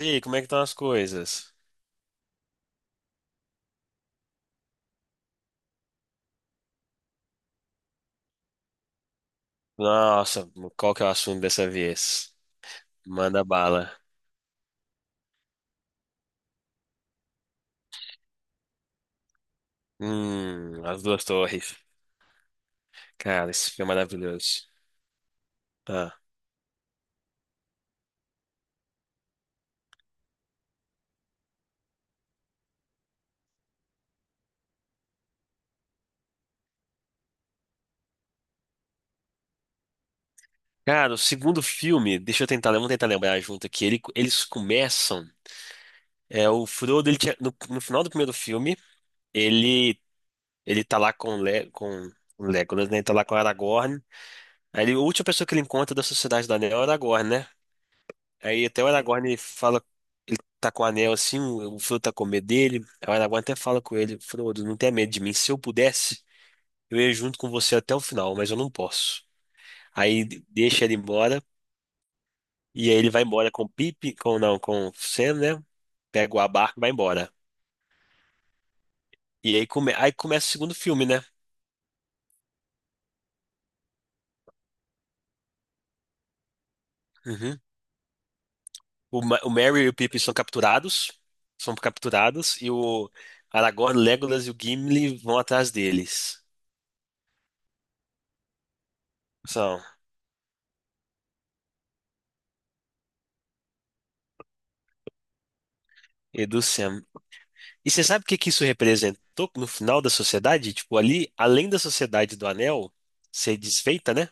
E aí, como é que estão as coisas? Nossa, qual que é o assunto dessa vez? Manda bala. As Duas Torres. Cara, esse filme é maravilhoso. Ah. Cara, o segundo filme, deixa eu tentar, vamos tentar lembrar junto aqui. Eles começam, é o Frodo, no, no final do primeiro filme, ele ele tá lá com o Le, com o Legolas, né? Ele tá lá com o Aragorn. A última pessoa que ele encontra da Sociedade do Anel é o Aragorn, né? Aí até o Aragorn fala, ele tá com o anel assim, o Frodo tá com medo dele. Aí o Aragorn até fala com ele: Frodo, não tenha medo de mim. Se eu pudesse, eu ia junto com você até o final, mas eu não posso. Aí deixa ele embora, e aí ele vai embora com o Pipe, com não, com o Sam, né? Pega o barca e vai embora. E aí, aí começa o segundo filme, né? Uhum. O, o Merry e o Pipe são capturados, e o Aragorn, Legolas e o Gimli vão atrás deles. São. E do Sam. E você sabe o que que isso representou no final da sociedade? Tipo, ali, além da sociedade do anel ser desfeita, né?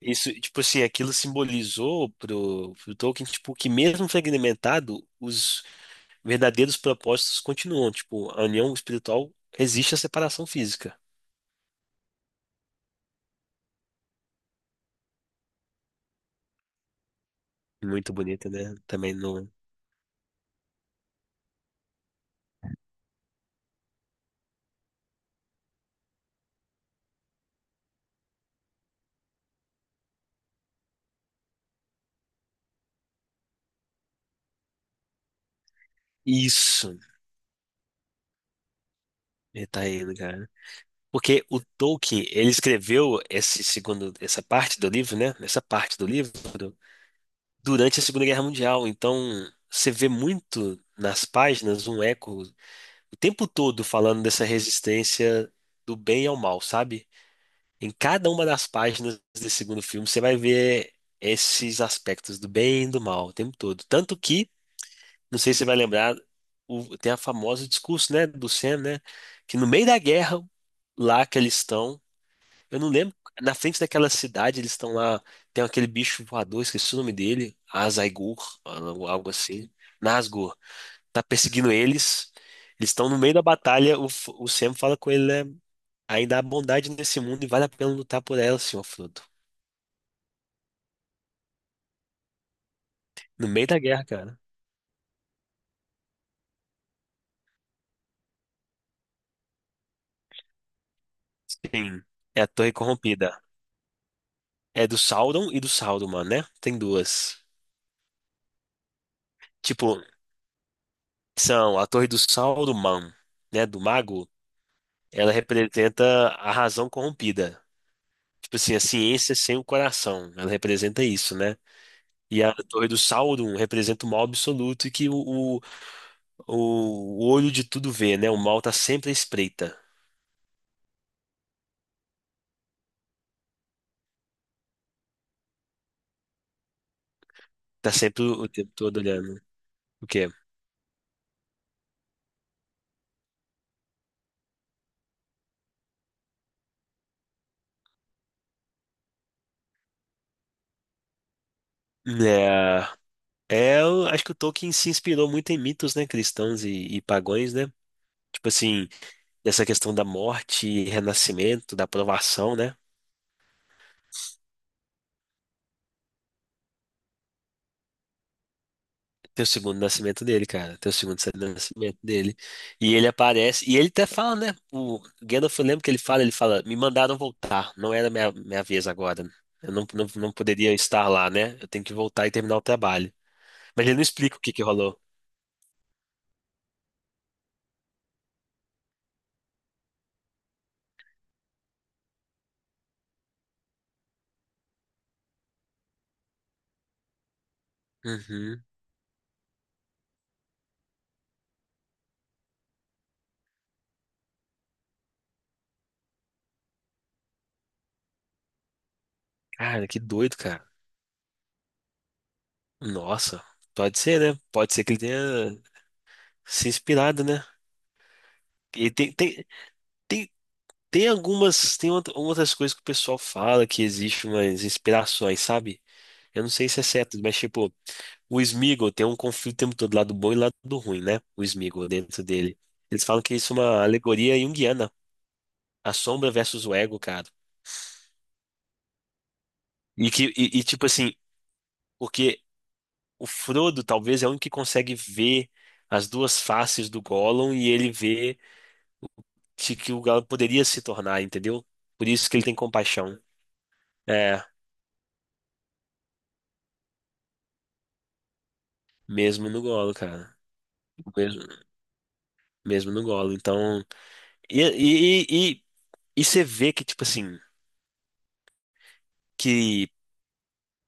Isso, tipo assim, aquilo simbolizou pro, pro Tolkien, tipo, que mesmo fragmentado, os verdadeiros propósitos continuam. Tipo, a união espiritual resiste à separação física. Muito bonito, né? Também não... Isso, ele tá indo, cara. Porque o Tolkien, ele escreveu esse segundo, essa parte do livro, né? Essa parte do livro durante a Segunda Guerra Mundial. Então, você vê muito nas páginas um eco o tempo todo falando dessa resistência do bem ao mal, sabe? Em cada uma das páginas desse segundo filme, você vai ver esses aspectos do bem e do mal o tempo todo. Tanto que, não sei se você vai lembrar, tem a famosa discurso, né, do Sam, né, que no meio da guerra, lá que eles estão, eu não lembro. Na frente daquela cidade, eles estão lá. Tem aquele bicho voador, esqueci o nome dele. Azaigur, algo algo assim. Nazgûl. Tá perseguindo eles. Eles estão no meio da batalha. O, o Sam fala com ele, né? Ainda há bondade nesse mundo e vale a pena lutar por ela, senhor Frodo. No meio da guerra, cara. Sim. É a Torre Corrompida. É do Sauron e do Saruman, né? Tem duas. Tipo, são a Torre do Sauron, né? Do Mago. Ela representa a razão corrompida. Tipo assim, a ciência sem o coração, ela representa isso, né? E a Torre do Sauron representa o mal absoluto e que o olho de tudo vê, né? O mal tá sempre à espreita, tá sempre o tempo todo olhando. O quê? É, eu acho que o Tolkien se inspirou muito em mitos, né? Cristãos e pagões, né? Tipo assim, essa questão da morte, renascimento, da provação, né? Tem o segundo nascimento dele, cara. Tem o segundo nascimento dele. E ele aparece. E ele até fala, né? O Gandalf, eu lembro que ele fala, me mandaram voltar. Não era minha, minha vez agora. Eu não poderia estar lá, né? Eu tenho que voltar e terminar o trabalho. Mas ele não explica o que que rolou. Uhum. Cara, que doido, cara. Nossa. Pode ser, né? Pode ser que ele tenha se inspirado, né? E tem, tem algumas, tem outras coisas que o pessoal fala que existe umas inspirações, sabe? Eu não sei se é certo, mas tipo. O Sméagol tem um conflito o tempo todo, lado bom e lado ruim, né? O Sméagol dentro dele. Eles falam que isso é uma alegoria junguiana, a sombra versus o ego, cara. Tipo assim, porque o Frodo talvez é o único que consegue ver as duas faces do Gollum e ele vê que o Gollum poderia se tornar, entendeu? Por isso que ele tem compaixão. É, mesmo no Gollum, cara. Mesmo, mesmo no Gollum. Então, e e e e e você vê que tipo assim, que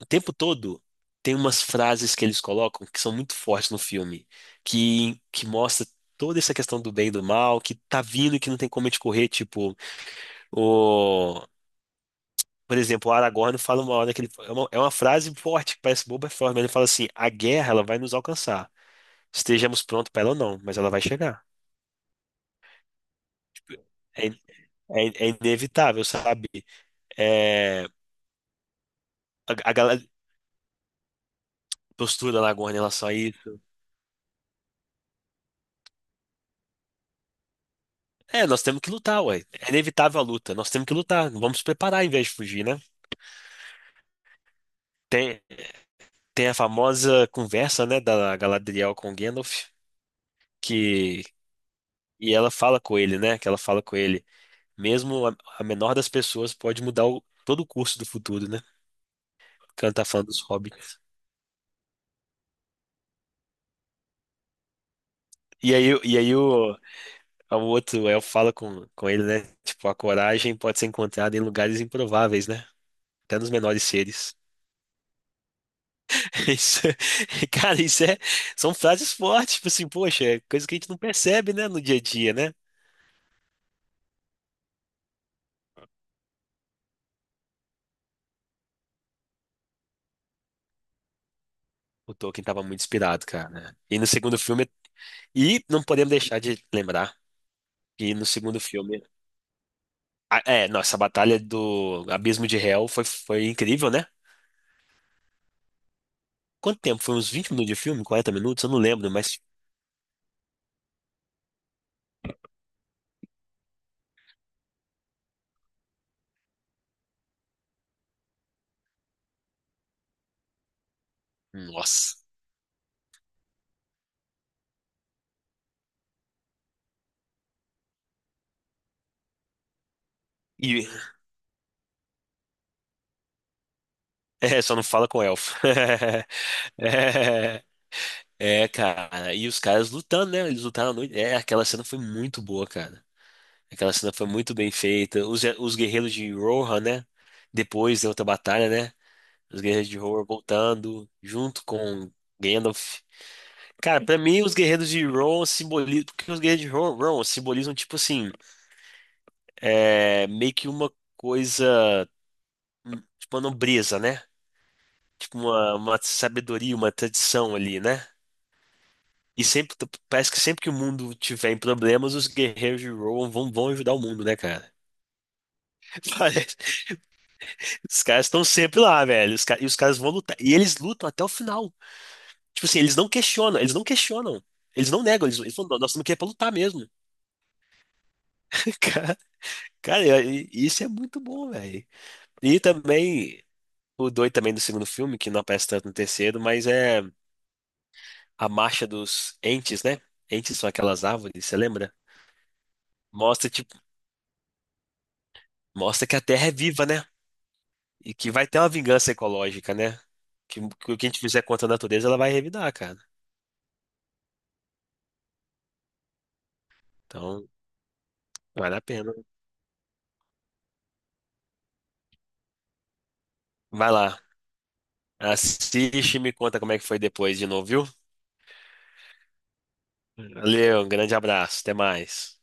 o tempo todo tem umas frases que eles colocam que são muito fortes no filme, que mostra toda essa questão do bem e do mal, que tá vindo e que não tem como a gente correr, tipo, o... Por exemplo, o Aragorn fala uma hora que ele... é uma frase forte, que parece boba, é forte, mas ele fala assim: a guerra, ela vai nos alcançar. Estejamos prontos para ela ou não, mas ela vai chegar. Tipo, é, é inevitável, sabe? É, a galera postura da Aragorn em relação a isso. É, nós temos que lutar, ué. É inevitável a luta. Nós temos que lutar. Vamos nos preparar em vez de fugir, né? Tem, tem a famosa conversa, né, da Galadriel com Gandalf, que e ela fala com ele, né? Que ela fala com ele. Mesmo a menor das pessoas pode mudar todo o curso do futuro, né? Quando tá falando dos hobbits. E aí, e aí o outro elfo fala com ele, né? Tipo, a coragem pode ser encontrada em lugares improváveis, né? Até nos menores seres. Isso, cara, isso é, são frases fortes, tipo assim, poxa, é coisa que a gente não percebe, né, no dia a dia, né? O Tolkien tava muito inspirado, cara, né? E no segundo filme, e não podemos deixar de lembrar que no segundo filme, é, nossa, a batalha do Abismo de Hel foi incrível, né? Quanto tempo? Foi uns 20 minutos de filme? 40 minutos? Eu não lembro, mas, nossa. E, é, só não fala com o elfo. É, cara, e os caras lutando, né? Eles lutaram à noite. É, aquela cena foi muito boa, cara. Aquela cena foi muito bem feita. Os guerreiros de Rohan, né? Depois da outra batalha, né? Os guerreiros de Rohan voltando junto com Gandalf. Cara, pra mim, os guerreiros de Rohan simbolizam. Porque os guerreiros de Rohan simbolizam, tipo assim, é, meio que uma coisa. Hum, tipo, uma nobreza, né? Tipo, uma sabedoria, uma tradição ali, né? E sempre, parece que sempre que o mundo tiver em problemas, os guerreiros de Rohan vão ajudar o mundo, né, cara? Os caras estão sempre lá, velho. Os e os caras vão lutar. E eles lutam até o final. Tipo assim, eles não questionam, eles não questionam. Eles não negam, eles falam: "Não, nós estamos aqui é pra lutar mesmo. Cara, cara, e isso é muito bom, velho. E também, o doido também do segundo filme, que não aparece tanto no terceiro, mas é a marcha dos entes, né? Entes são aquelas árvores, você lembra? Mostra, tipo, mostra que a Terra é viva, né? E que vai ter uma vingança ecológica, né? Que o que a gente fizer contra a natureza, ela vai revidar, cara. Então, vale a pena. Vai lá. Assiste e me conta como é que foi depois de novo, viu? Valeu, um grande abraço, até mais.